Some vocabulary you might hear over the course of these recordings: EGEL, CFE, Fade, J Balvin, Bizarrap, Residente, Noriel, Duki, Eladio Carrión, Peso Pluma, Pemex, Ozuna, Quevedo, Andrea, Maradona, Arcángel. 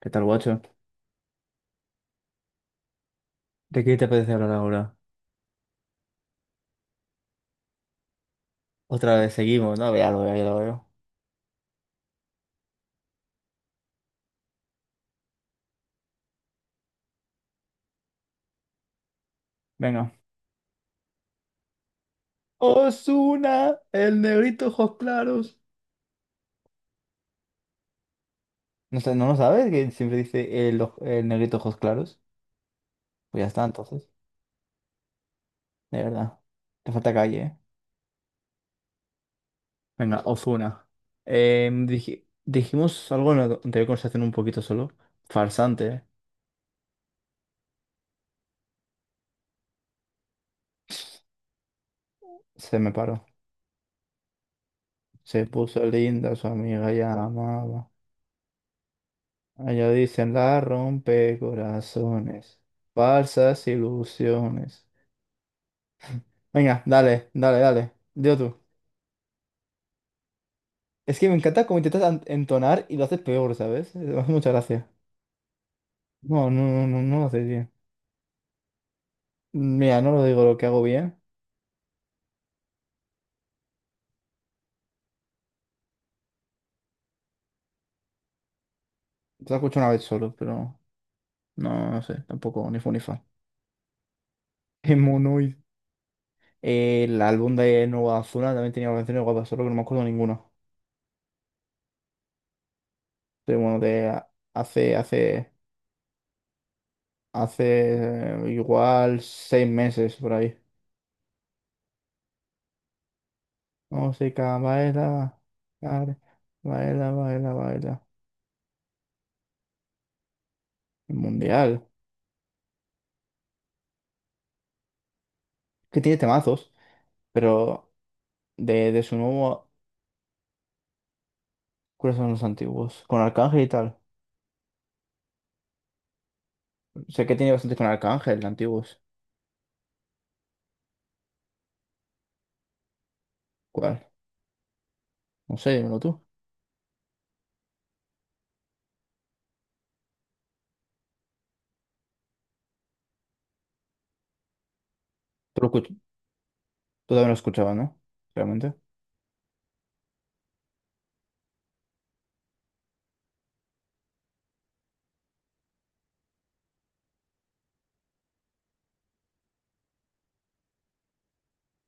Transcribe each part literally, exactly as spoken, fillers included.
¿Qué tal, guacho? ¿De qué te apetece hablar ahora? Otra vez seguimos, ¿no? Ya lo veo, ya lo veo. Venga. Osuna, el negrito ojos claros. No sé, ¿no lo sabes? Que siempre dice el, oj- el negrito ojos claros. Pues ya está, entonces. De verdad. Te falta calle, ¿eh? Venga, Ozuna. Em, dij- dijimos algo en la anterior conversación un poquito solo. Farsante, ¿eh? Se me paró. Se puso linda, su amiga ya la amaba. Allá dicen la rompe corazones, falsas ilusiones. Venga, dale, dale, dale. Dilo tú. Es que me encanta cómo intentas an- entonar y lo haces peor, ¿sabes? Me hace mucha gracia. No, no, no, no, no lo haces bien. Mira, no lo digo lo que hago bien. Te lo escucho una vez solo, pero no, no sé, tampoco, ni fu ni fa. Monoid. Eh, El álbum de Nueva Azul también tenía canciones guapas, solo que no me acuerdo ninguna. Pero bueno, de hace, hace, hace eh, igual seis meses por ahí. Música, baila, baila, baila, baila, baila. El mundial. Que tiene temazos, pero de, de su nuevo, ¿cuáles son los antiguos? Con Arcángel y tal. Sé que tiene bastante con Arcángel, antiguos. ¿Cuál? No sé, dímelo tú. Tú, lo escuch- tú también lo escuchabas, ¿no? Realmente.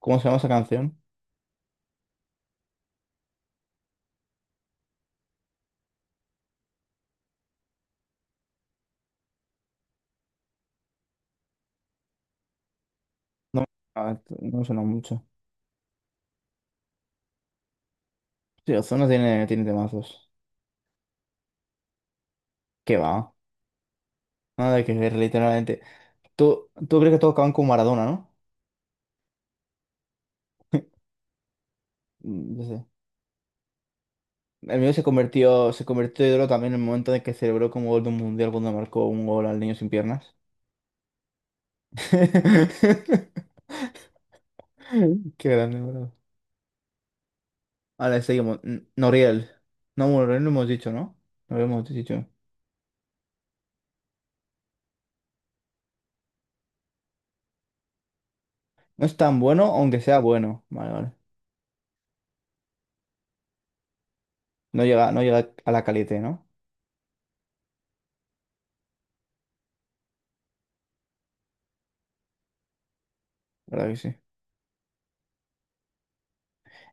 ¿Cómo se llama esa canción? No, ah, no me suena mucho. Sí, Ozuna tiene, tiene temazos. ¿Qué va? Nada que ver, literalmente. Tú, tú crees que todos acaban con Maradona, ¿no? Mm, yo sé. El mío se convirtió, se convirtió en ídolo también en el momento en que celebró como gol de un mundial cuando marcó un gol al niño sin piernas. Qué grande, bro. Vale, seguimos. N- Noriel. No, bueno, Noriel no hemos dicho, ¿no? No lo hemos dicho. No es tan bueno, aunque sea bueno. Vale, vale. No llega, no llega a la calité, ¿no? ¿Verdad que sí?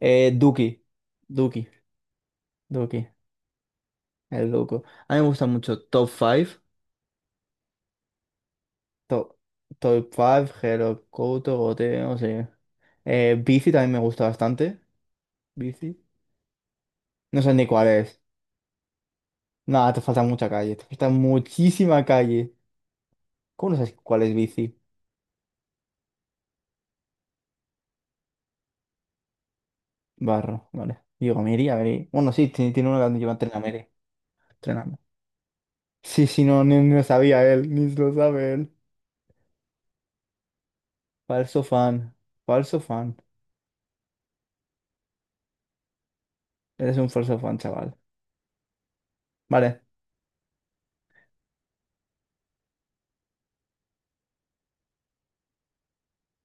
Eh, Duki. Duki. Duki. El loco. A mí me gusta mucho Top cinco. Top, top cinco, Hero, Couto, Goteo, no sé. Eh, Bici también me gusta bastante. Bici. No sé ni cuál es. Nada, te falta mucha calle. Te falta muchísima calle. ¿Cómo no sabes cuál es bici? Barro, vale. Digo, me iría, me bueno, sí, ti- tiene una donde lleva entrenamiento. Entrenamiento. Sí, sí, no, ni, ni lo sabía él, ni lo sabe él. Falso fan, falso fan. Eres un falso fan, chaval. Vale.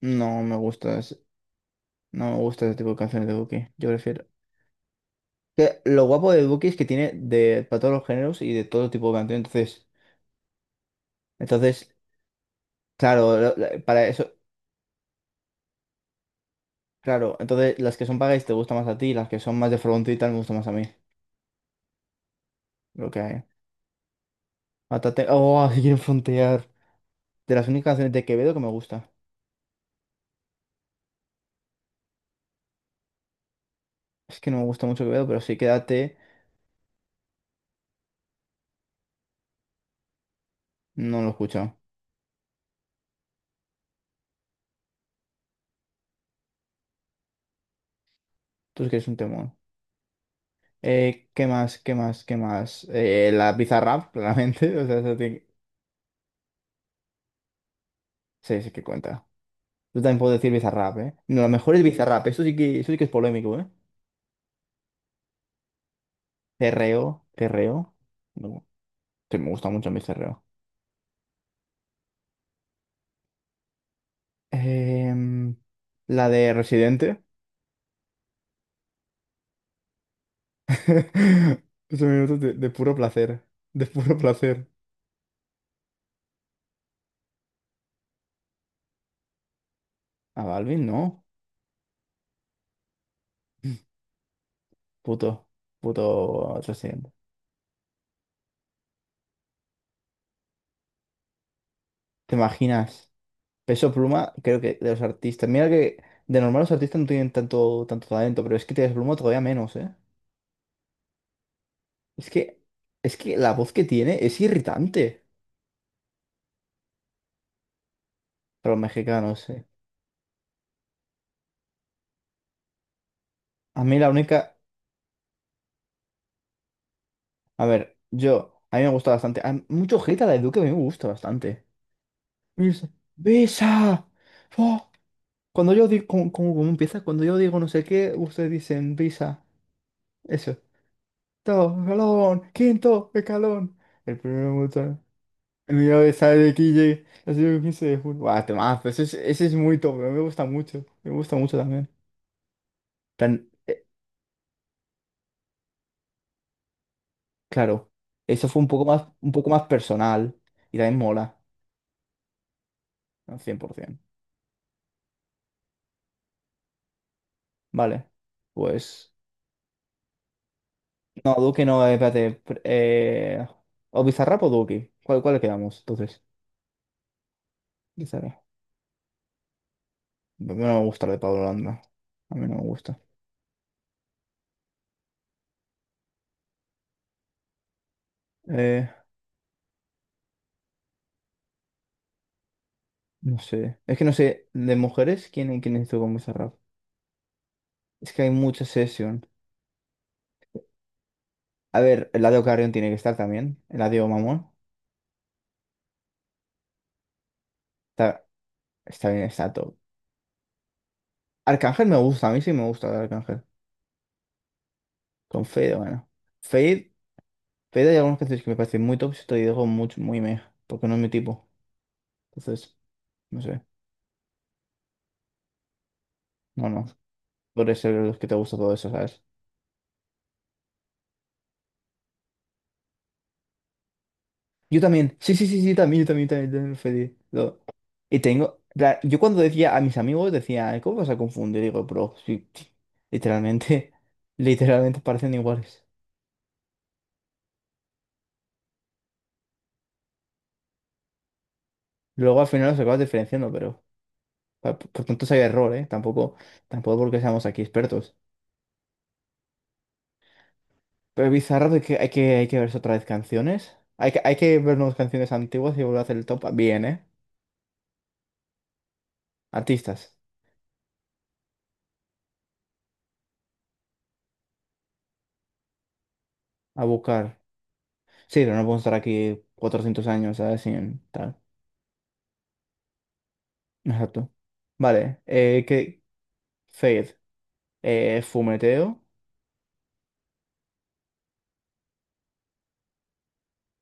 No me gusta ese, no me gusta ese tipo de canciones de Duki. Yo prefiero. Que lo guapo de Duki es que tiene de, para todos los géneros y de todo tipo de canciones. Entonces, entonces, claro, lo- lo- para eso. Claro, entonces las que son pagáis te gustan más a ti, las que son más de frontera y tal me gustan más a mí. Lo que hay. Mátate. Oh, si quieren frontear. De las únicas canciones de Quevedo que me gusta. Es que no me gusta mucho Quevedo, pero sí, quédate. No lo he escuchado. Tú es que es un temón. Eh, ¿qué más? ¿Qué más? ¿Qué más? Eh, la Bizarrap, claramente. O sea, eso tiene- Sí, sí que cuenta. Yo también puedo decir Bizarrap, ¿eh? No, lo mejor es Bizarrap. Eso sí que, eso sí que es polémico, ¿eh? Cerreo, cerreo. No, sí, me gusta mucho mi cerreo. Em, la de Residente. quince minutos de, de puro placer. De puro placer. A Balvin, no. Puto. Puto residente. ¿Te imaginas? Peso Pluma, creo que de los artistas. Mira que de normal los artistas no tienen tanto, tanto talento, pero es que Peso Pluma todavía menos, ¿eh? Es que, es que la voz que tiene es irritante para los mexicanos, ¿eh? A mí la única. A ver, yo. A mí me gusta bastante. Hay mucho hate a la de Duque, a mí me gusta bastante. Besa. Besa. Cuando yo digo, ¿cómo, cómo- ¿cómo empieza? Cuando yo digo no sé qué, ustedes dicen visa. Eso. Todo, escalón, quinto escalón. El primero botón. El mío de sale de Kille ha sido el quince de junio. Guau, temazo. Ese es, ese es muy top. Me gusta mucho. Me gusta mucho también. Tan- eh, claro. Eso fue un poco más, un poco más personal. Y también mola. Al cien por ciento. Vale. Pues. No, Duki no, eh, espérate. pr- Eh, ¿O Bizarrap o Duki? ¿Cuál, cuál le quedamos? Entonces. Bizarrap. No no me gusta lo de Pablo Landa. A mí no me gusta. Eh, no sé. Es que no sé, de mujeres, ¿quién, quién hizo con Bizarrap? Es que hay mucha sesión. A ver, Eladio Carrión tiene que estar también. Eladio Mamón. Está, está bien, está top. Arcángel me gusta, a mí sí me gusta el Arcángel. Con Fade, bueno. Fade, Fade hay algunas canciones que me parecen muy top, si te digo muy, muy meh, porque no es mi tipo. Entonces, no sé. No, no. Por ser los que te gusta todo eso, ¿sabes? Yo también, sí, sí, sí, sí, también, yo también, también, también fue de- lo- y tengo, la- yo cuando decía a mis amigos, decía, ¿cómo vas a confundir? Digo, bro, sí, sí, literalmente, literalmente parecen iguales. Luego al final los acabas diferenciando, pero pa- por, tanto si hay error, ¿eh? Tampoco, tampoco porque seamos aquí expertos. Pero bizarro de que hay que, hay que verse otra vez canciones. Hay que, hay que vernos canciones antiguas y volver a hacer el top bien, ¿eh? Artistas, a buscar. Sí, pero no podemos estar aquí cuatrocientos años, ¿sabes? Sin tal. Exacto. Vale, eh, que Fade, eh, fumeteo,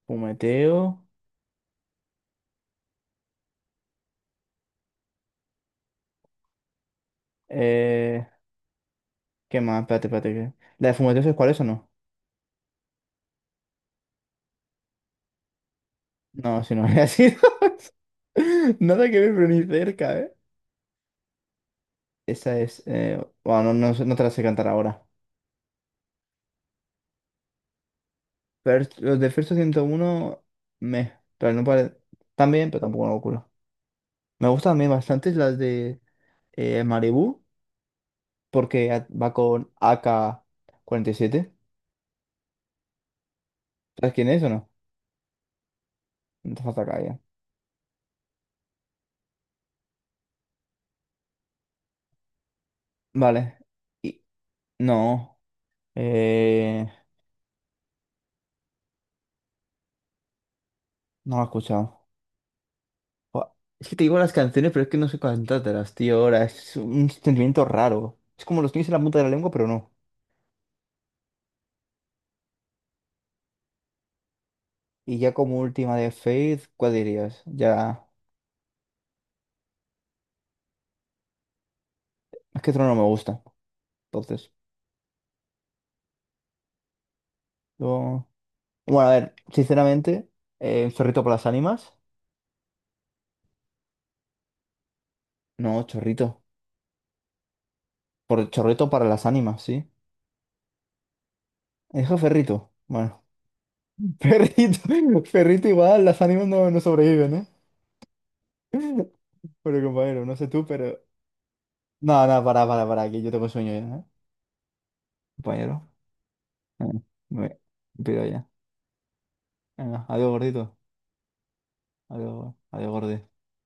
fumeteo, eh, ¿qué más? Espérate, espérate, que- ¿La de fumeteo es cuál es o no? No, si no había sido Nada que ver, pero ni cerca, ¿eh? Esa es, eh, bueno, no, no, sé- no te la sé cantar ahora. First- los de First ciento uno me, pero no pare... También, pero tampoco una locura. Me gustan a mí bastante las de eh, Malibu, porque a- va con ak siete. ¿Sabes quién es o no? No te falta calle. Vale. Y, no. Eh, no lo he escuchado. Buah, es que te digo las canciones, pero es que no sé cantártelas, tío. Ahora es un sentimiento raro. Es como los tienes en la punta de la lengua, pero no. Y ya como última de Faith, ¿cuál dirías? Ya. Es que Trono no me gusta. Entonces. yo- Bueno, a ver, sinceramente, eh, chorrito para las ánimas. No, chorrito. Por chorrito para las ánimas, sí. Dijo ferrito. Bueno. Ferrito. Ferrito igual, las ánimas no, no sobreviven, ¿eh? Bueno, compañero, no sé tú, pero... No, no, para, para, para, que yo tengo sueño ya, ¿eh? Compañero. Eh, Me pido ya. Venga, adiós, gordito. Adiós, adiós, gordi.